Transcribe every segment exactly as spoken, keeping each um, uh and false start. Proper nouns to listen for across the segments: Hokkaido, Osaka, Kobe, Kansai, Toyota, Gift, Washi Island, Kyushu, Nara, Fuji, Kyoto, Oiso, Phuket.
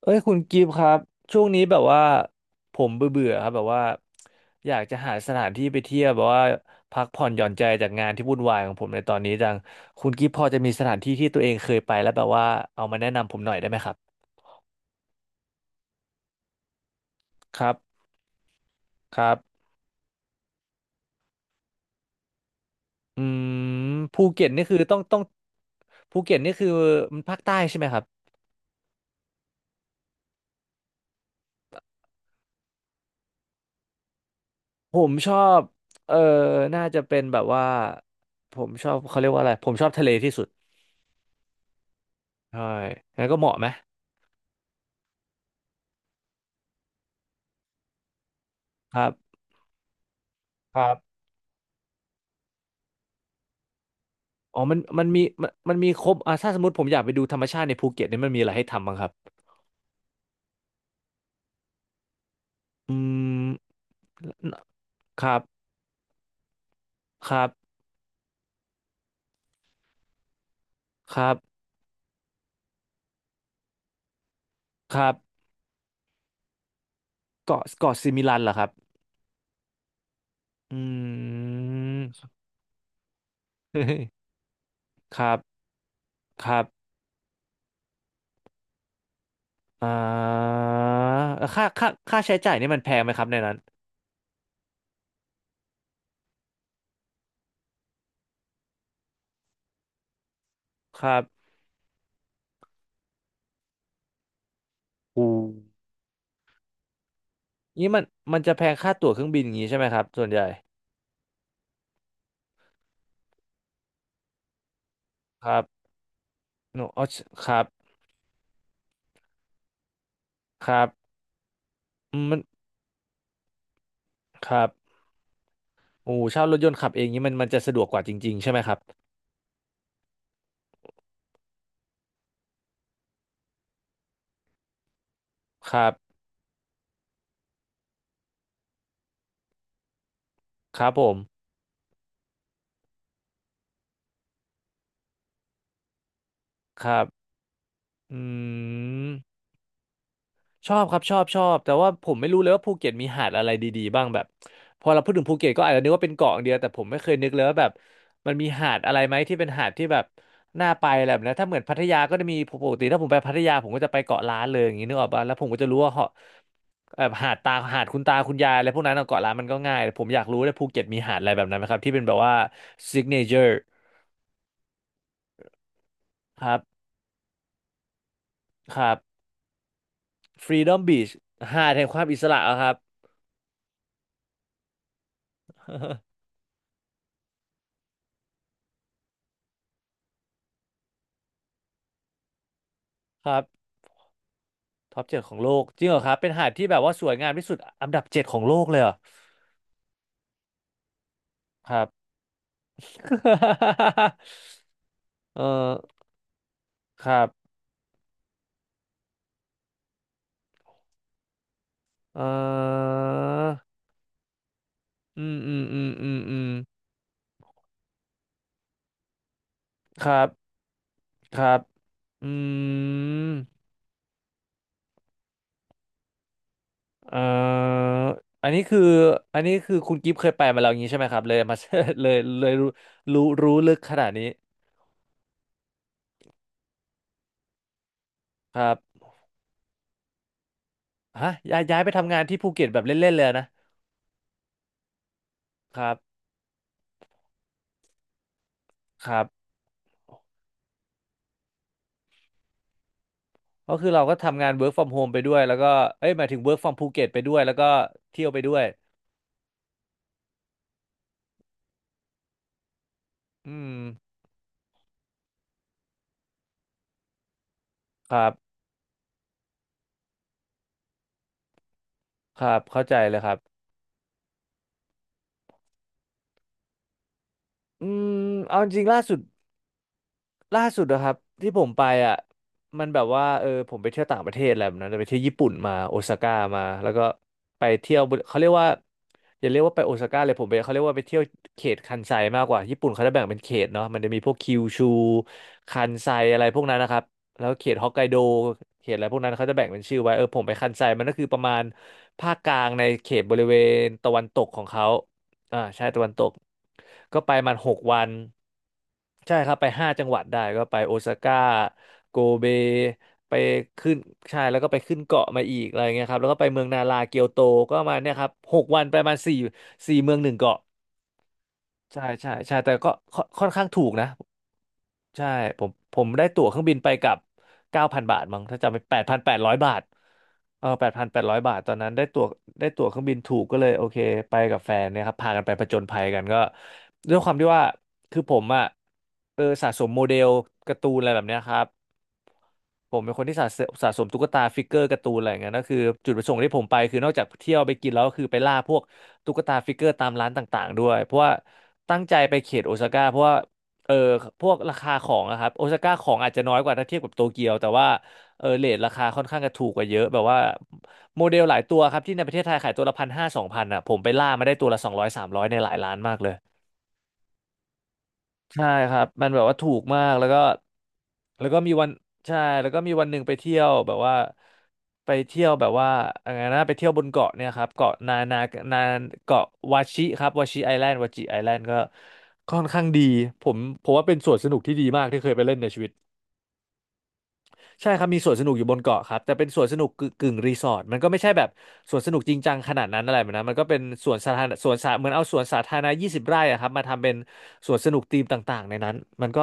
เอ้ยคุณกิฟต์ครับช่วงนี้แบบว่าผมเบื่อๆครับแบบว่าอยากจะหาสถานที่ไปเที่ยวแบบว่าพักผ่อนหย่อนใจจากงานที่วุ่นวายของผมในตอนนี้จังคุณกิฟต์พอจะมีสถานที่ที่ตัวเองเคยไปแล้วแบบว่าเอามาแนะนำผมหน่อยได้ไหมครับครับครับอืมภูเก็ตนี่คือต้องต้องภูเก็ตนี่คือมันภาคใต้ใช่ไหมครับผมชอบเออน่าจะเป็นแบบว่าผมชอบเขาเรียกว่าอะไรผมชอบทะเลที่สุดใช่งั้นก็เหมาะไหมครับครับ อ๋อมันมันมีมันมันมีครบอ่าถ้าสมมติผมอยากไปดูธรรมชาติในภูเก็ตเนี่ยมันมีอะไรให้ทำบ้างครับอืมครับ ครับ ครับครับเกาะเกาะซิมิลันเหรอครับอืม ครับ ครับอ่าค่าค่า ค่าใช้จ่ายนี่มันแพงไหมครับในนั้นครับอูนี่มันมันจะแพงค่าตั๋วเครื่องบินอย่างนี้ใช่ไหมครับส่วนใหญ่ครับโนอ๋อครับครับอืมมันครับโอ้เช่ารถยนต์ขับเองนี้มันมันจะสะดวกกว่าจริงๆใช่ไหมครับ ครับครับผมครับอืมชอบครับชอบชอบแต่ว่าผมไม่รู้เลยว่าภูเก็ตมีหาดอะไรดีๆบ้างแบบพอเราพูดถึงภูเก็ตก็อาจจะนึกว่าเป็นเกาะอย่างเดียวแต่ผมไม่เคยนึกเลยว่าแบบมันมีหาดอะไรไหมที่เป็นหาดที่แบบน่าไปอะไรแบบนั้นถ้าเหมือนพัทยาก็จะมีปกติถ้าผมไปพัทยาผมก็จะไปเกาะล้านเลยอย่างนี้นึกออกป่ะแล้วผมก็จะรู้ว่าเหาะแบบหาดตาหาดคุณตาคุณยายอะไรพวกนั้นอะเกาะล้านมันก็ง่ายแต่ผมอยากรู้เลยภูเก็ตมีหาดอะไรแบบนั้นไหมครับที่เป็นแบบว่าซิกเนเจอร์ครับครับ Freedom Beach หาดแห่งความอิสระอะครับครับท็อปเจ็ดของโลกจริงเหรอครับเป็นหาดที่แบบว่าสวยงามที่สุดอันดับเจ็ดของโลกเลยเหรอครับ เออครับเอออืมอืมอืมอืมอืมครับครับอืมเอออันนี้คืออันนี้คือคุณกิฟต์เคยไปมาแล้วอย่างนี้ใช่ไหมครับเลยมา เลยเลยรู้รู้รู้ลึกขนาดนี้ครับฮะย้ายย้ายไปทำงานที่ภูเก็ตแบบเล่นๆเลยนะครับครับ ก็คือเราก็ทำงาน work from home ไปด้วยแล้วก็เอ้ยหมายถึง work from ภูเก็ตไปด้วยแล้วก็เที่ยวไปด้วยอืมครับครับเข้าใจเลยครับอืมเอาจริงๆล่าสุด ล่าสุดนะครับที่ผมไปอ่ะมันแบบว่าเออผมไปเที่ยวต่างประเทศอะไรแบบนั้นไปเที่ยวญี่ปุ่นมาโอซาก้ามาแล้วก็ไปเที่ยวเขาเรียกว่าอย่าเรียกว่าไปโอซาก้าเลยผมไปเขาเรียกว่าไปเที่ยวเขตคันไซมากกว่าญี่ปุ่นเขาจะแบ่งเป็นเขตเนาะมันจะมีพวกคิวชูคันไซอะไรพวกนั้นนะครับแล้วเขตฮอกไกโดเขตอะไรพวกนั้นเขาจะแบ่งเป็นชื่อไว้เออผมไปคันไซมันก็คือประมาณภาคกลางในเขตบริเวณตะวันตกของเขา อ่าใช่ตะวันตกก็ไปมันหกวันใช่ครับไปห้าจังหวัดได้ก็ไปโอซาก้าโกเบไปขึ้นใช่แล้วก็ไปขึ้นเกาะมาอีกอะไรเงี้ยครับแล้วก็ไปเมืองนาราเกียวโตก็ประมาณเนี่ยครับหกวันไปมาสี่สี่เมืองหนึ่งเกาะใช่ใช่ใช่แต่ก็ค่อนค่อนข้างถูกนะ ใช่ผมผมได้ตั๋วเครื่องบินไปกับเก้าพันบาทมั้งถ้าจำไม่แปดพันแปดร้อยบาทเออแปดพันแปดร้อยบาทตอนนั้นได้ตั๋วได้ตั๋วเครื่องบินถูกก็เลยโอเคไปกับแฟนเนี่ยครับพากันไปผจญภัยกันก็ด้วยความที่ว่าคือผมอ่ะเออสะสมโมเดลการ์ตูนอะไรแบบเนี้ยครับผมเป็นคนที่สะสมสะสมตุ๊กตาฟิกเกอร์การ์ตูนอะไรอย่างเงี้ยนั่นคือจุดประสงค์ที่ผมไปคือนอกจากเที่ยวไปกินแล้วก็คือไปล่าพวกตุ๊กตาฟิกเกอร์ตามร้านต่างๆด้วยเพราะว่าตั้งใจไปเขตโอซาก้าเพราะว่า เออพวกราคาของอะครับโอซาก้าของอาจจะน้อยกว่าถ้าเทียบกับโตเกียวแต่ว่าเออเรทราคาค่อนข้างจะถูกกว่าเยอะแบบว่าโมเดลหลายตัวครับที่ในประเทศไทยขายตัวละพันห้าสองพันอะผมไปล่ามาได้ตัวละสองร้อยสามร้อยในหลายร้านมากเลย ใช่ครับมันแบบว่าถูกมากแล้วก็แล้วก็มีวันใช่แล้วก็มีวันหนึ่งไปเที่ยวแบบว่าไปเที่ยวแบบว่าอะไรนะไปเที่ยวบนเกาะเนี่ยครับเกาะนานานาเกาะวาชิครับวาชิไอแลนด์วาชิไอแลนด์ก็ค่อนข้างดีผมผมว่าเป็นสวนสนุกที่ดีมากที่เคยไปเล่นในชีวิต ใช่ครับมีสวนสนุกอยู่บนเกาะครับแต่เป็นสวนสนุกกึกึ่งรีสอร์ทมันก็ไม่ใช่แบบสวนสนุกจริงจังขนาดนั้นอะไรแบบนะมันก็เป็นสวนสาธารณะสวนสาเหมือนเอาสวนสาธารณะยี่สิบไร่อะครับมาทำเป็นสวนสนุกธีมต่างๆในนั้นมันก็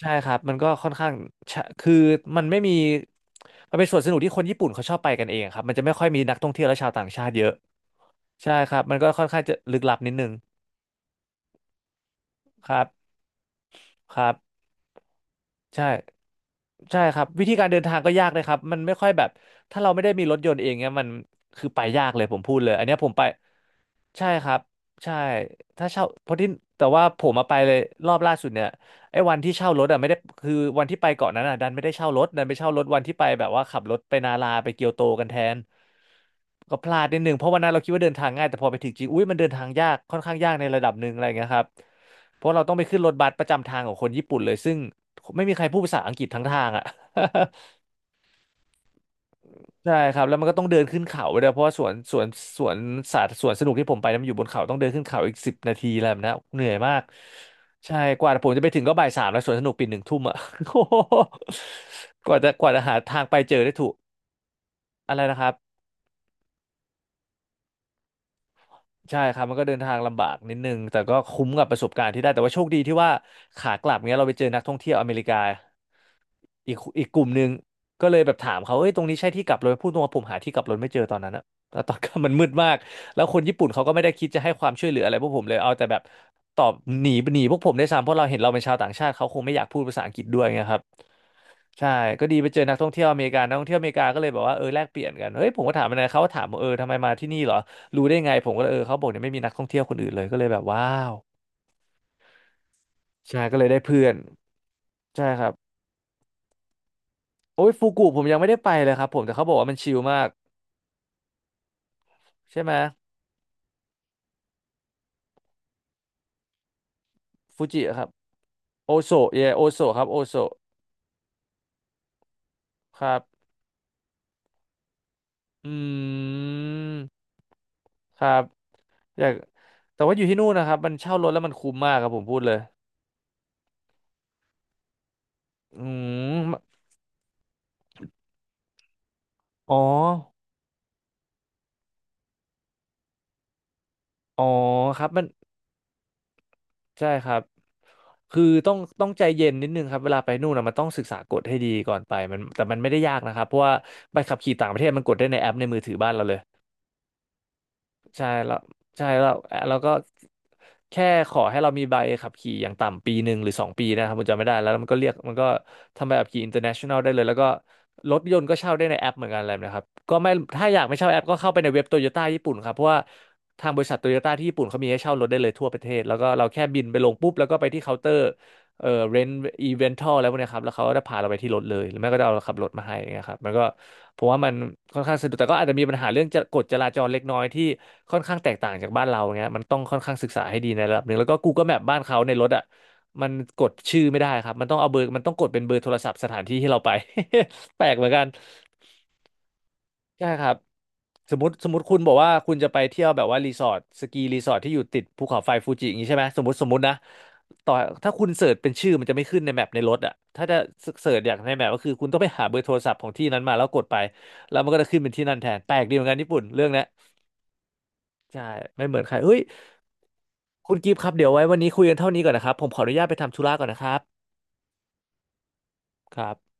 ใช่ครับมันก็ค่อนข้างชะคือมันไม่มีมันเป็นสวนสนุกที่คนญี่ปุ่นเขาชอบไปกันเองครับมันจะไม่ค่อยมีนักท่องเที่ยวและชาวต่างชาติเยอะใช่ครับมันก็ค่อนข้างจะลึกลับนิดนึงครับครับ ใช่ใช่ครับวิธีการเดินทางก็ยากเลยครับมันไม่ค่อยแบบถ้าเราไม่ได้มีรถยนต์เองเนี่ยมันคือไปยากเลยผมพูดเลยอันเนี้ยผมไปใช่ครับใช่ถ้าเช่าเพราะที่แต่ว่าผมมาไปเลยรอบล่าสุดเนี่ยไอ้วันที่เช่ารถอ่ะไม่ได้คือวันที่ไปเกาะนั้นอ่ะดันไม่ได้เช่ารถดันไปเช่ารถวันที่ไปแบบว่าขับรถไปนาราไปเกียวโตกันแทนก็พลาดนิดหนึ่งเพราะวันนั้นเราคิดว่าเดินทางง่ายแต่พอไปถึงจริงอุ้ยมันเดินทางยากค่อนข้างยากในระดับหนึ่งอะไรเงี้ยครับเพราะเราต้องไปขึ้นรถบัสประจำทางของคนญี่ปุ่นเลยซึ่ง ไม่มีใครพูดภาษาอังกฤษทั้งทางอ่ะ ใช่ครับแล้วมันก็ต้องเดินขึ้นเขาไปด้วยเพราะว่าสวนสวนสวนสัตว์สวนสนุกที่ผมไปนั้นมันอยู่บนเขาต้องเดินขึ้นเขาอีกสิบนาทีอะไรแบบนั้นเหนื่อยมากใช่กว่าผมจะไปถึงก็บ่ายสามแล้วสวนสนุกปิดหนึ่งทุ่มอ่ะ โอ้โหกว่าจะกว่าจะหาทางไปเจอได้ถูกอะไรนะครับ ใช่ครับมันก็เดินทางลำบากนิดนึงแต่ก็คุ้มกับประสบการณ์ที่ได้แต่ว่าโชคดีที่ว่าขากลับเนี้ยเราไปเจอนักท่องเที่ยวอเมริกาอีกอีกกลุ่มหนึ่งก็เลยแบบถามเขาเอ้ยตรงนี้ใช่ที่กลับรถพูดตรงว่าผมหาที่กลับรถไม่เจอตอนนั้นอะแล้วตอนกลับมันมืดมากแล้วคนญี่ปุ่นเขาก็ไม่ได้คิดจะให้ความช่วยเหลืออะไรพวกผมเลยเอาแต่แบบตอบหนีหนีพวกผมได้วยซ้ำเพราะเราเห็นเราเป็นชาวต่างชาติเขาคงไม่อยากพูดภาษาอังกฤษด้วยไงครับ ใช่ก็ดีไปเจอนักท่องเที่ยวอเมริกานนักท่องเที่ยวอเมริกาก็เลยบอกว่าเออแลกเปลี่ยนกันเฮ้ยผมก็ถามมันนะเขาก็ถามว่าเออทำไมมาที่นี่เหรอรู้ได้ไงผมก็เลยเออเขาบอกเนี่ยไม่มีนักท่องเที่ยวคนอื่นเลยก็เลยแบบว้าวใช่ก็เลยได้เพื่อนใช่ครับโอ้ยฟูกุผมยังไม่ได้ไปเลยครับผมแต่เขาบอกว่ามันชิลมากใช่ไหมฟูจิครับโอโซเยโอโซครับโอโซครับอืมครับอยากแต่ว่าอยู่ที่นู่นนะครับมันเช่ารถแล้วมันคุ้มมากครับผมพูดเลยอืมอ๋ออ๋อครับมัน ใช่ครับ คือต้องต้องใจเย็นนิดนึงครับเวลาไปนู่นนะมันต้องศึกษากฎให้ดีก่อนไปมันแต่มันไม่ได้ยากนะครับเพราะว่าใบขับขี่ต่างประเทศมันกดได้ในแอปในมือถือบ้านเราเลย ใช่แล้วใช่แล้วแล้วก็แค่ขอให้เรามีใบขับขี่อย่างต่ำปีหนึ่งหรือสองปีนะครับผมจำไม่ได้แล้วแล้วมันก็เรียกมันก็ทำใบขับขี่ อินเตอร์เนชันแนล ได้เลยแล้วก็รถยนต์ก็เช่าได้ในแอปเหมือนกันอะไรแบบนะครับก็ไม่ถ้าอยากไม่เช่าแอปก็เข้าไปในเว็บโตโยต้าญี่ปุ่นครับเพราะว่าทางบริษัทโตโยต้าที่ญี่ปุ่นเขามีให้เช่ารถได้เลยทั่วประเทศแล้วก็เราแค่บินไปลงปุ๊บแล้วก็ไปที่เคาน์เตอร์ เออเรนอีเวนทัลอะไรพวกเนี้ยครับแล้วเขาก็จะพาเราไปที่รถเลยหรือไม่ก็จะเอาเราขับรถมาให้อย่างเงี้ยครับมันก็ผมว่ามันค่อนข้างสะดวกแต่ก็อาจจะมีปัญหาเรื่องจะกฎจราจรเล็กน้อยที่ค่อนข้างแตกต่างจากบ้านเราเงี้ยมันต้องค่อนข้างศึกษาให้ดีในระดับหนึ่งแล้วก็ กูเกิล แมพ บ้านเขาในรถอ่ะมันกดชื่อไม่ได้ครับมันต้องเอาเบอร์มันต้องกดเป็นเบอร์โทรศัพท์สถานที่ที่เราไป แปลกเหมือนกัน ใช่ครับสมมติสมมติคุณบอกว่าคุณจะไปเที่ยวแบบว่ารีสอร์ทสกีรีสอร์ทที่อยู่ติดภูเขาไฟฟูจิอย่างนี้ใช่ไหมสมมติสมมตินะต่อถ้าคุณเสิร์ชเป็นชื่อมันจะไม่ขึ้นในแมปในรถอ่ะถ้าจะเสิร์ชอย่างในแมปก็คือคุณต้องไปหาเบอร์โทรศัพท์ของที่นั้นมาแล้วกดไปแล้วมันก็จะขึ้นเป็นที่นั่นแทนแปลกดีเหมือนกันญี่ปุ่นเรื่องเนี้ยใช่ไม่เหมือนใครเฮ้ยคุณกิฟต์ครับเดี๋ยวไว้วันนี้คุยกันเท่านี้ก่อนนะครับผมขออนุญาตไปทำธุระก่อนนะครับครับ